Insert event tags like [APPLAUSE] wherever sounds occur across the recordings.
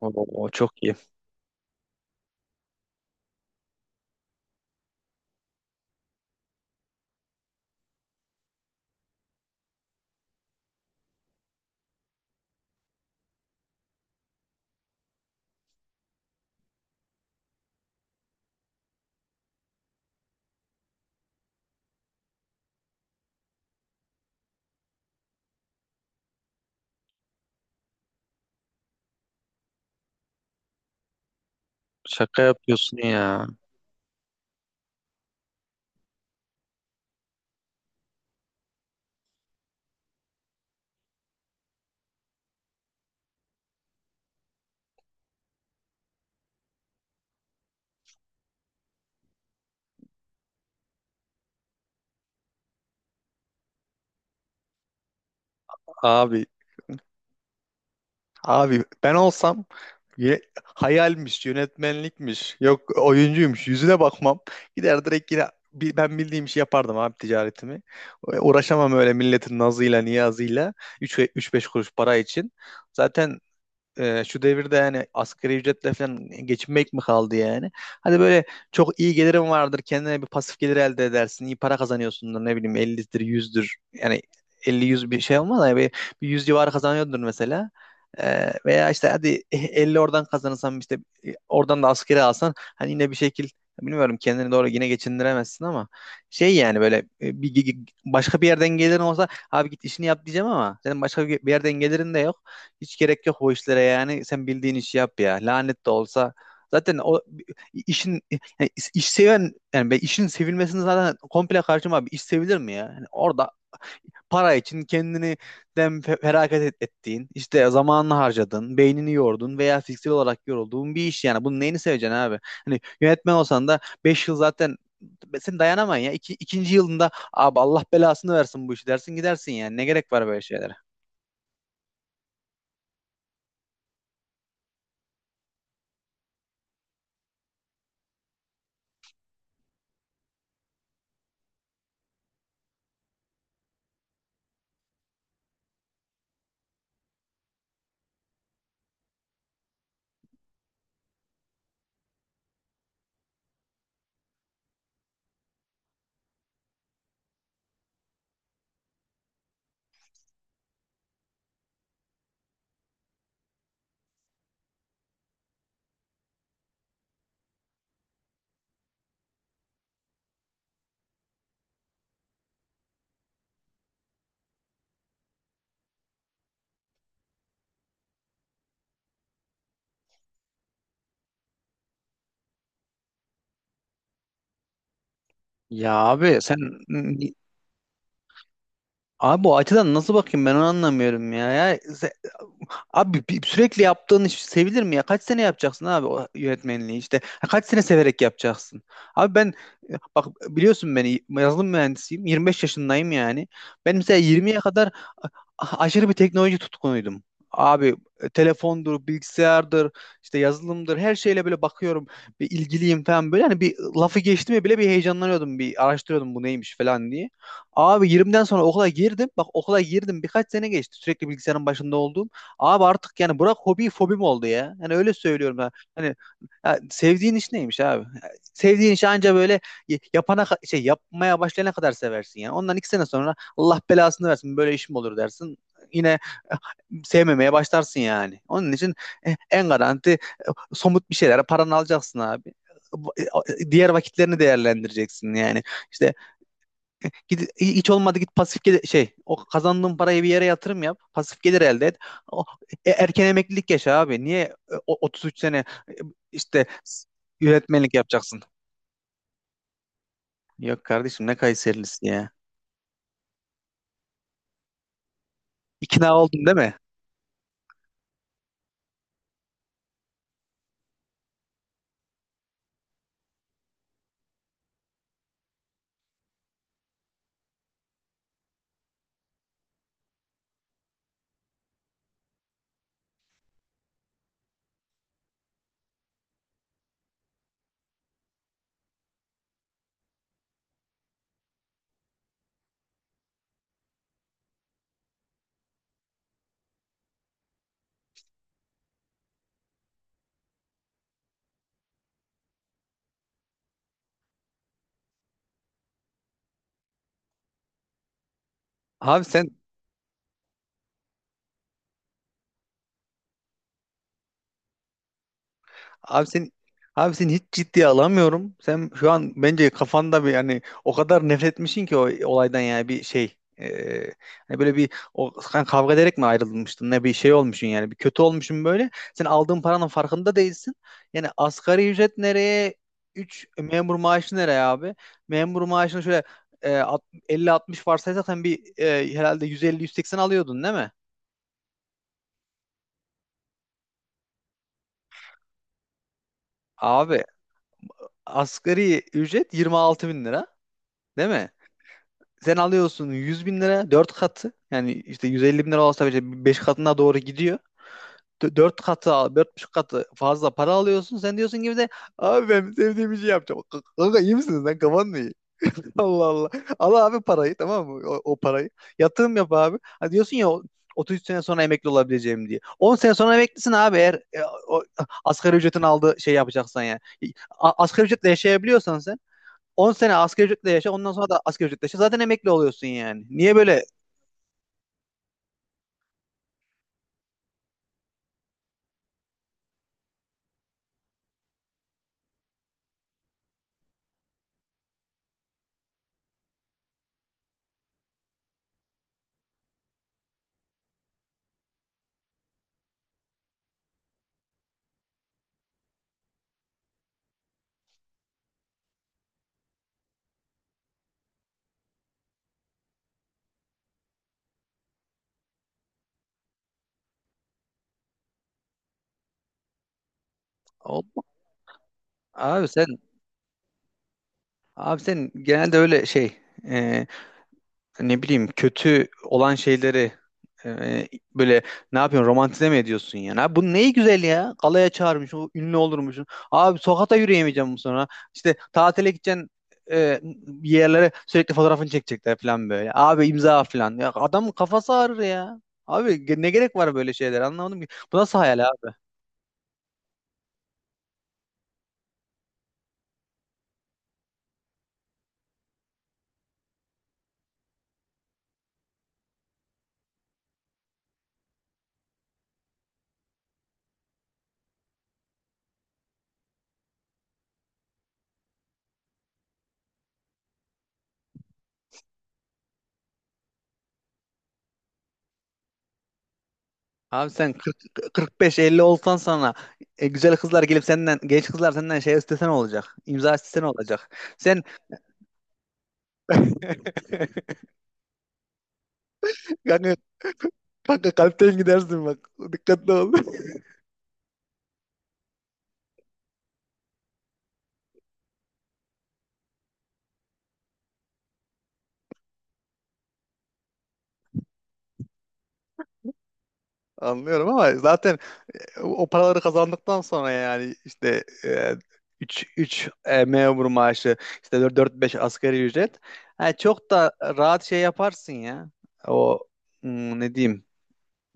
Oo, çok iyi. Şaka yapıyorsun ya. Abi, abi, ben olsam hayalmiş, yönetmenlikmiş, yok oyuncuymuş yüzüne bakmam. Gider direkt yine ben bildiğim işi yapardım abi ticaretimi. Uğraşamam öyle milletin nazıyla niyazıyla üç beş kuruş para için. Zaten şu devirde yani asgari ücretle falan geçinmek mi kaldı yani? Hadi böyle çok iyi gelirim vardır. Kendine bir pasif gelir elde edersin. İyi para kazanıyorsundur ne bileyim 50'dir 100'dür. Yani 50-100 bir şey olmaz da yani bir 100 civarı kazanıyordur mesela. Veya işte hadi [LAUGHS] 50 oradan kazanırsan işte oradan da asgari alsan hani yine bir şekil bilmiyorum kendini doğru yine geçindiremezsin ama şey yani böyle e, bir, bir- başka bir yerden gelirin olsa abi git işini yap diyeceğim ama senin başka bir yerden gelirin de yok. Hiç gerek yok o işlere yani. Sen bildiğin işi yap ya. Lanet de olsa. Zaten o işin yani iş seven yani ben işin sevilmesini zaten komple karşıma abi. İş sevilir mi ya? Yani orada para için kendini feragat ettiğin, işte zamanını harcadın, beynini yordun veya fiziksel olarak yorulduğun bir iş yani. Bunun neyini seveceksin abi? Hani yönetmen olsan da 5 yıl zaten sen dayanamayın ya. İki, ikinci yılında abi Allah belasını versin bu işi dersin gidersin yani. Ne gerek var böyle şeylere? Ya abi Sen Abi o açıdan nasıl bakayım ben onu anlamıyorum ya. Sürekli yaptığın iş sevilir mi ya? Kaç sene yapacaksın abi o yönetmenliği işte? Ha, kaç sene severek yapacaksın? Abi ben bak biliyorsun beni yazılım mühendisiyim. 25 yaşındayım yani. Ben mesela 20'ye kadar aşırı bir teknoloji tutkunuydum. Abi telefondur, bilgisayardır, işte yazılımdır her şeyle böyle bakıyorum. Bir ilgiliyim falan böyle. Hani bir lafı geçti mi bile bir heyecanlanıyordum. Bir araştırıyordum bu neymiş falan diye. Abi 20'den sonra okula girdim. Bak okula girdim birkaç sene geçti. Sürekli bilgisayarın başında olduğum. Abi artık yani bırak hobi fobim oldu ya. Yani öyle söylüyorum. Ha. Hani ya sevdiğin iş neymiş abi? Sevdiğin işi anca böyle şey yapmaya başlayana kadar seversin yani. Ondan 2 sene sonra Allah belasını versin böyle işim olur dersin. Yine eh, sevmemeye başlarsın yani. Onun için en garanti somut bir şeylere paranı alacaksın abi. Diğer vakitlerini değerlendireceksin yani. İşte git, hiç olmadı git pasif gelir, şey o kazandığın parayı bir yere yatırım yap. Pasif gelir elde et. O, Erken emeklilik yaşa abi. Niye 33 sene işte yönetmenlik yapacaksın? Yok kardeşim ne Kayserilisi ya. İkna oldun değil mi? Abi sen Abi sen abi seni hiç ciddiye alamıyorum. Sen şu an bence kafanda bir yani o kadar nefret etmişsin ki o olaydan yani bir şey. Hani böyle bir o sen kavga ederek mi ayrılmıştın ne bir şey olmuşsun yani bir kötü olmuşsun böyle. Sen aldığın paranın farkında değilsin. Yani asgari ücret nereye 3 memur maaşı nereye abi? Memur maaşını şöyle e, alt- 50-60 varsaysak sen bir herhalde 150 180 alıyordun değil mi? Abi asgari ücret 26.000 lira değil mi? Sen alıyorsun 100 bin lira 4 katı yani işte 150 bin lira olsa bile 5 katına doğru gidiyor. 4 katı al, 4,5 katı fazla para alıyorsun. Sen diyorsun gibi de abi ben sevdiğim işi yapacağım. Kanka iyi misiniz lan kafan mı iyi? [LAUGHS] Allah Allah. Al abi parayı tamam mı? O parayı. Yatırım yap abi. Ha diyorsun ya 30 sene sonra emekli olabileceğim diye. 10 sene sonra emeklisin abi eğer o, asgari ücretin aldığı şey yapacaksan yani. Asgari ücretle yaşayabiliyorsan sen 10 sene asgari ücretle yaşa ondan sonra da asgari ücretle yaşa zaten emekli oluyorsun yani. Niye böyle? Ol- abi sen abi sen genelde öyle şey e, ne bileyim kötü olan şeyleri e, böyle ne yapıyorsun romantize mi ediyorsun yani? Abi bu neyi güzel ya? Galaya çağırmış, o ünlü olurmuş. Abi sokakta yürüyemeyeceğim bu sonra. İşte tatile gideceksin bir yerlere sürekli fotoğrafını çekecekler falan böyle. Abi imza falan. Ya adamın kafası ağrır ya. Abi, ne gerek var böyle şeyler anlamadım ki. Bu nasıl hayal abi? Abi sen 45-50 olsan sana güzel kızlar gelip senden genç kızlar senden şey istesen olacak. İmza istesen olacak. Sen [LAUGHS] kanka, kanka, kalpten gidersin bak. Dikkatli ol. [LAUGHS] Anlıyorum ama zaten o paraları kazandıktan sonra yani işte 3 3 memur maaşı işte 4-5 asgari ücret. Ha, çok da rahat şey yaparsın ya. O Ne diyeyim?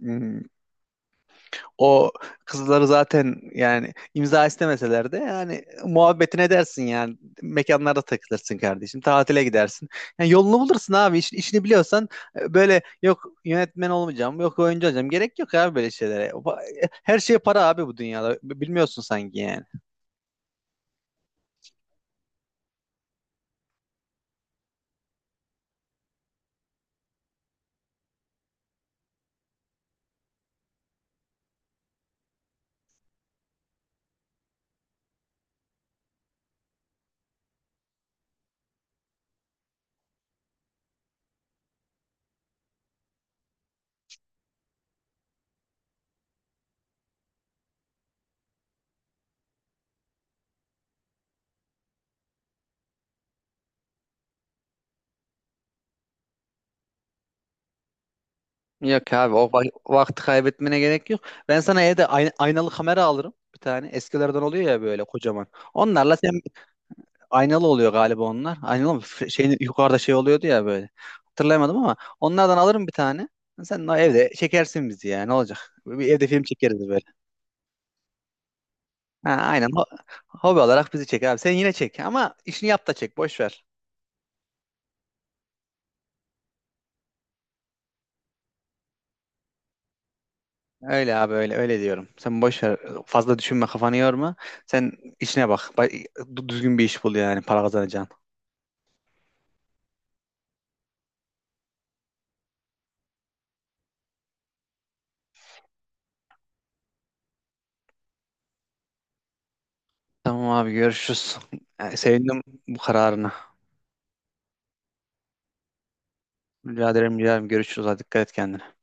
Hmm, O kızları zaten yani imza istemeseler de yani muhabbetine edersin yani mekanlarda takılırsın kardeşim tatile gidersin. Yani yolunu bulursun abi işini biliyorsan böyle yok yönetmen olmayacağım yok oyuncu olacağım gerek yok abi böyle şeylere. Her şey para abi bu dünyada bilmiyorsun sanki yani. Yok abi o vakti kaybetmene gerek yok. Ben sana evde aynalı kamera alırım bir tane. Eskilerden oluyor ya böyle kocaman. Onlarla sen Aynalı oluyor galiba onlar. Aynalı mı? Şeyin, yukarıda şey oluyordu ya böyle. Hatırlayamadım ama onlardan alırım bir tane. Sen de evde çekersin bizi ya. Ne olacak? Bir evde film çekeriz böyle. Ha, aynen. Hobi olarak bizi çek abi. Sen yine çek ama işini yap da çek. Boş ver. Öyle abi öyle öyle diyorum. Sen boş ver. Fazla düşünme kafanı yorma. Sen işine bak. Düzgün bir iş bul yani para kazanacağın. Tamam abi görüşürüz. Yani sevindim bu kararına. Rica ederim, rica ederim. Görüşürüz. Hadi dikkat et kendine.